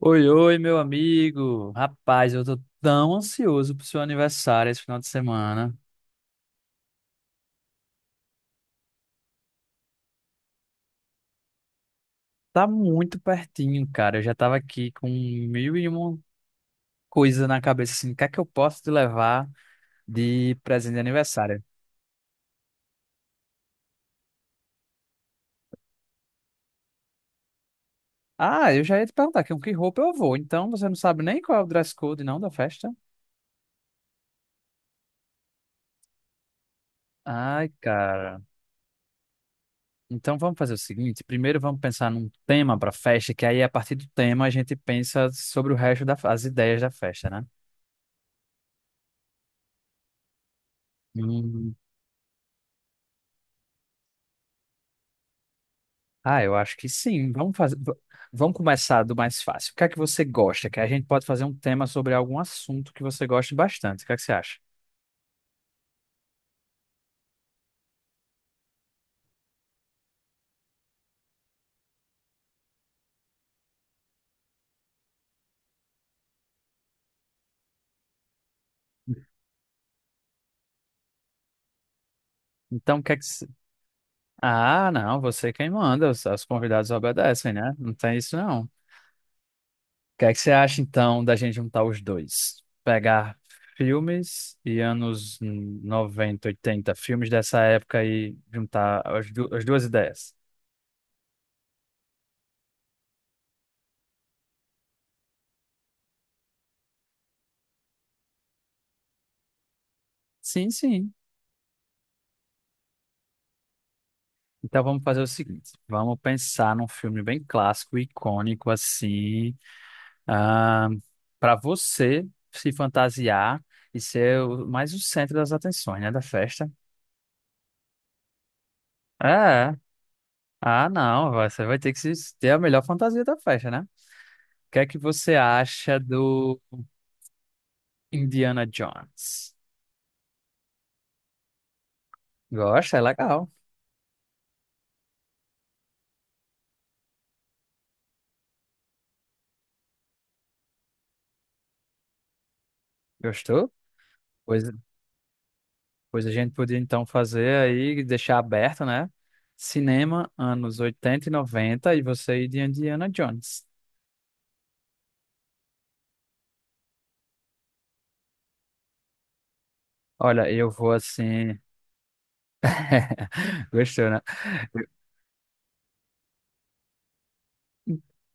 Oi, oi, meu amigo. Rapaz, eu tô tão ansioso pro seu aniversário esse final de semana. Tá muito pertinho, cara. Eu já tava aqui com mil e uma coisa na cabeça, assim, o que é que eu posso te levar de presente de aniversário? Ah, eu já ia te perguntar com que roupa eu vou. Então, você não sabe nem qual é o dress code, não, da festa? Ai, cara. Então vamos fazer o seguinte, primeiro vamos pensar num tema pra festa, que aí a partir do tema a gente pensa sobre o resto das ideias da festa, né? Ah, eu acho que sim. Vamos começar do mais fácil. O que é que você gosta? Que a gente pode fazer um tema sobre algum assunto que você goste bastante. O que é que você acha? Então, o que é que se- Ah, não, você é quem manda, os convidados obedecem, né? Não tem isso não. O que é que você acha então da gente juntar os dois? Pegar filmes e anos 90, 80, filmes dessa época e juntar as duas ideias. Sim, sim. Então vamos fazer o seguinte, vamos pensar num filme bem clássico, icônico assim, para você se fantasiar e ser mais o centro das atenções, né, da festa. É. Ah, não, você vai ter que ter a melhor fantasia da festa, né? O que é que você acha do Indiana Jones? Gosta? É legal. Gostou? Pois Pois a gente podia então fazer aí, deixar aberto, né? Cinema, anos 80 e 90 e você e de Indiana Jones. Olha, eu vou assim. Gostou, né?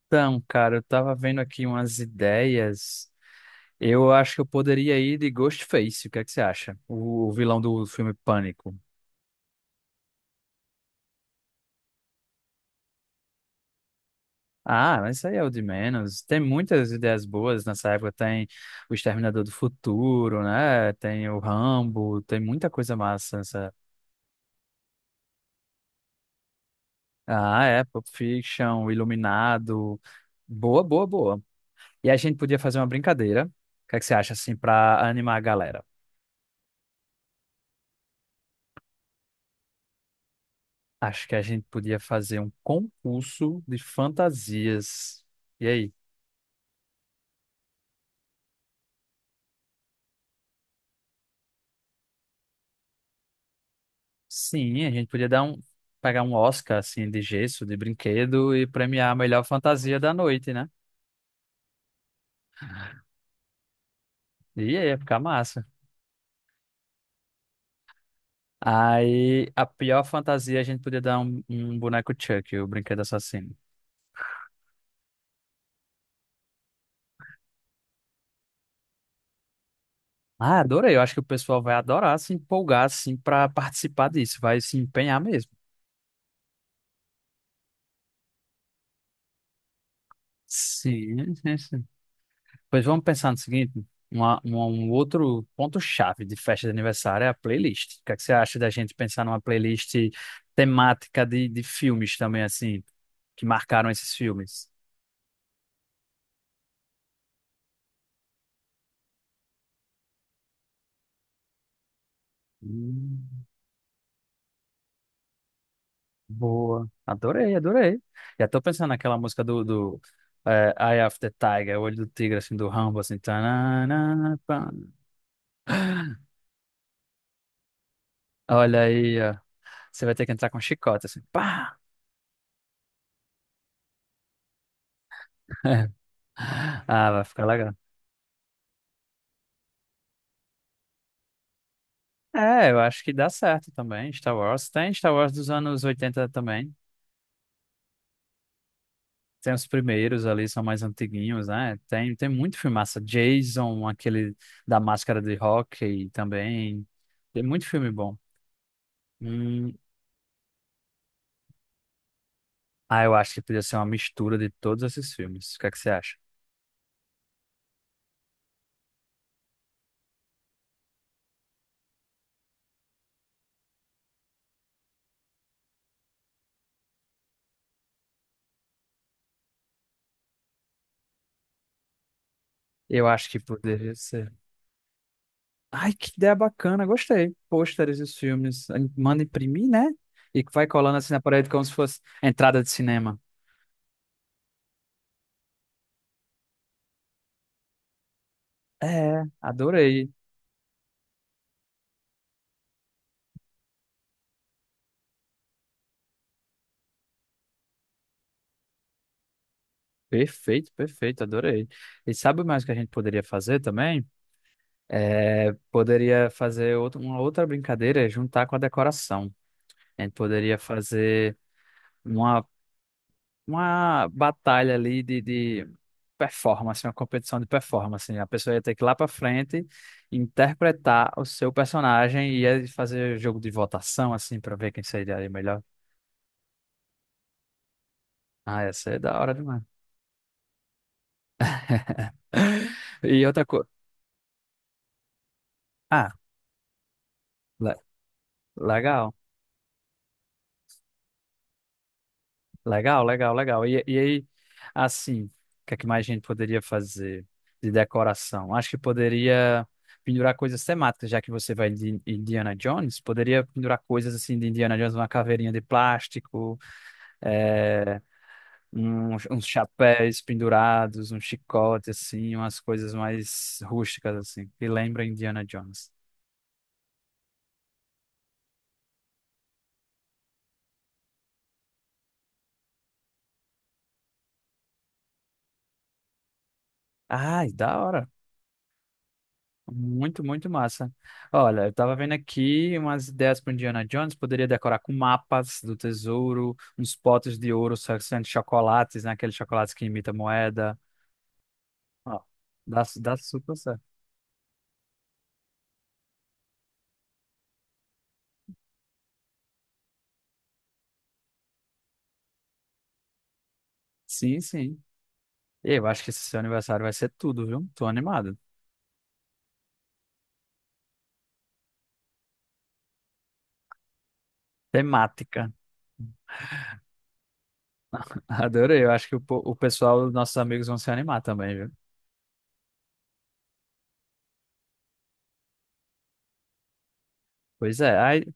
Então, cara, eu tava vendo aqui umas ideias. Eu acho que eu poderia ir de Ghostface. O que é que você acha? O vilão do filme Pânico. Ah, mas isso aí é o de menos. Tem muitas ideias boas nessa época. Tem o Exterminador do Futuro, né? Tem o Rambo. Tem muita coisa massa. Ah, é, Pulp Fiction, Iluminado. Boa, boa, boa. E a gente podia fazer uma brincadeira. O que é que você acha, assim, para animar a galera? Acho que a gente podia fazer um concurso de fantasias. E aí? Sim, a gente podia pegar um Oscar, assim, de gesso, de brinquedo e premiar a melhor fantasia da noite, né? E aí, ia ficar massa. Aí, a pior fantasia, a gente podia dar um boneco Chuck, o brinquedo assassino. Ah, adorei. Eu acho que o pessoal vai adorar se empolgar, assim, para participar disso. Vai se empenhar mesmo. Sim, sim, sim. Pois vamos pensar no seguinte: um outro ponto-chave de festa de aniversário é a playlist. O que é que você acha da gente pensar numa playlist temática de filmes também, assim, que marcaram esses filmes? Hum, boa. Adorei, adorei. Já tô pensando naquela música do Eye of the Tiger, Olho do Tigre, assim, do Rambo, assim. Tanana, pam. Olha aí, ó. Você vai ter que entrar com chicota, assim. Pá! Ah, vai ficar legal. É, eu acho que dá certo também, Star Wars. Tem Star Wars dos anos 80 também. Tem os primeiros ali, são mais antiguinhos, né? Tem, tem muito filmaça. Jason, aquele da máscara de hóquei também. Tem muito filme bom. Hum, ah, eu acho que poderia ser uma mistura de todos esses filmes. O que é que você acha? Eu acho que poderia ser. Ai, que ideia bacana, gostei. Pôsteres e os filmes. Aí manda imprimir, né? E vai colando assim na parede como se fosse entrada de cinema. É, adorei. Perfeito, perfeito, adorei. E sabe mais o que a gente poderia fazer também? É, poderia uma outra brincadeira, é juntar com a decoração. A gente poderia fazer uma uma batalha ali de performance, uma competição de performance, né? A pessoa ia ter que ir lá para frente interpretar o seu personagem e ia fazer jogo de votação, assim, para ver quem seria ali melhor. Ah, ia ser da hora demais. E outra coisa. Ah, le- legal. Legal, legal, legal. E aí, assim, o que é que mais a gente poderia fazer de decoração? Acho que poderia pendurar coisas temáticas, já que você vai de Indiana Jones, poderia pendurar coisas assim de Indiana Jones, uma caveirinha de plástico, eh, uns chapéus pendurados, um chicote, assim, umas coisas mais rústicas, assim, que lembra Indiana Jones. Ai, da hora. Muito, muito massa. Olha, eu tava vendo aqui umas ideias para Indiana Jones. Poderia decorar com mapas do tesouro, uns potes de ouro sendo chocolates, né? Aqueles chocolates que imita moeda. Ó, dá super certo. Sim, sim. Eu acho que esse seu aniversário vai ser tudo, viu? Tô animado. Temática. Adorei. Eu acho que o pessoal, nossos amigos, vão se animar também, viu? Pois é. Aí,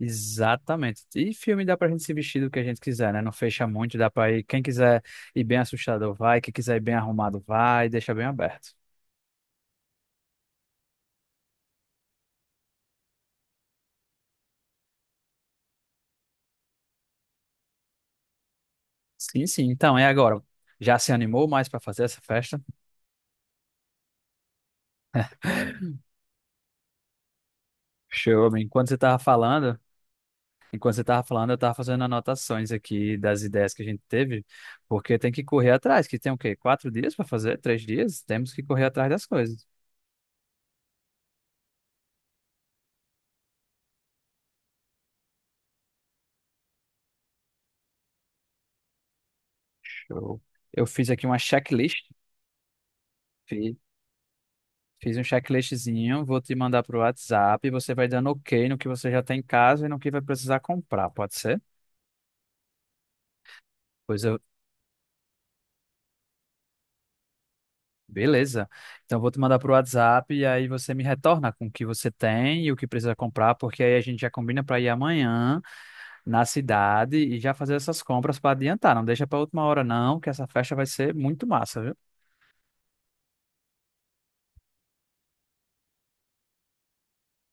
exatamente. E filme dá pra gente se vestir do que a gente quiser, né? Não fecha muito, dá pra ir. Quem quiser ir bem assustado vai, quem quiser ir bem arrumado vai, deixa bem aberto. Sim, sim. Então, é agora. Já se animou mais pra fazer essa festa? Show, amigo. Enquanto você tava falando, eu tava fazendo anotações aqui das ideias que a gente teve, porque tem que correr atrás, que tem o quê? Quatro dias pra fazer? Três dias? Temos que correr atrás das coisas. Show. Eu fiz aqui uma checklist. Fiz um checklistzinho, vou te mandar pro WhatsApp. Você vai dando ok no que você já tem em casa e no que vai precisar comprar, pode ser? Pois eu. Beleza. Então, vou te mandar pro WhatsApp e aí você me retorna com o que você tem e o que precisa comprar, porque aí a gente já combina para ir amanhã na cidade e já fazer essas compras para adiantar. Não deixa para última hora, não, que essa festa vai ser muito massa, viu?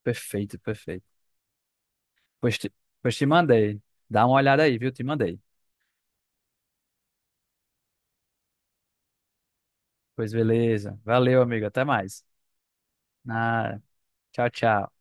Perfeito, perfeito. Pois te, pois te mandei. Dá uma olhada aí, viu? Te mandei. Pois beleza. Valeu, amigo. Até mais. Ah, tchau, tchau.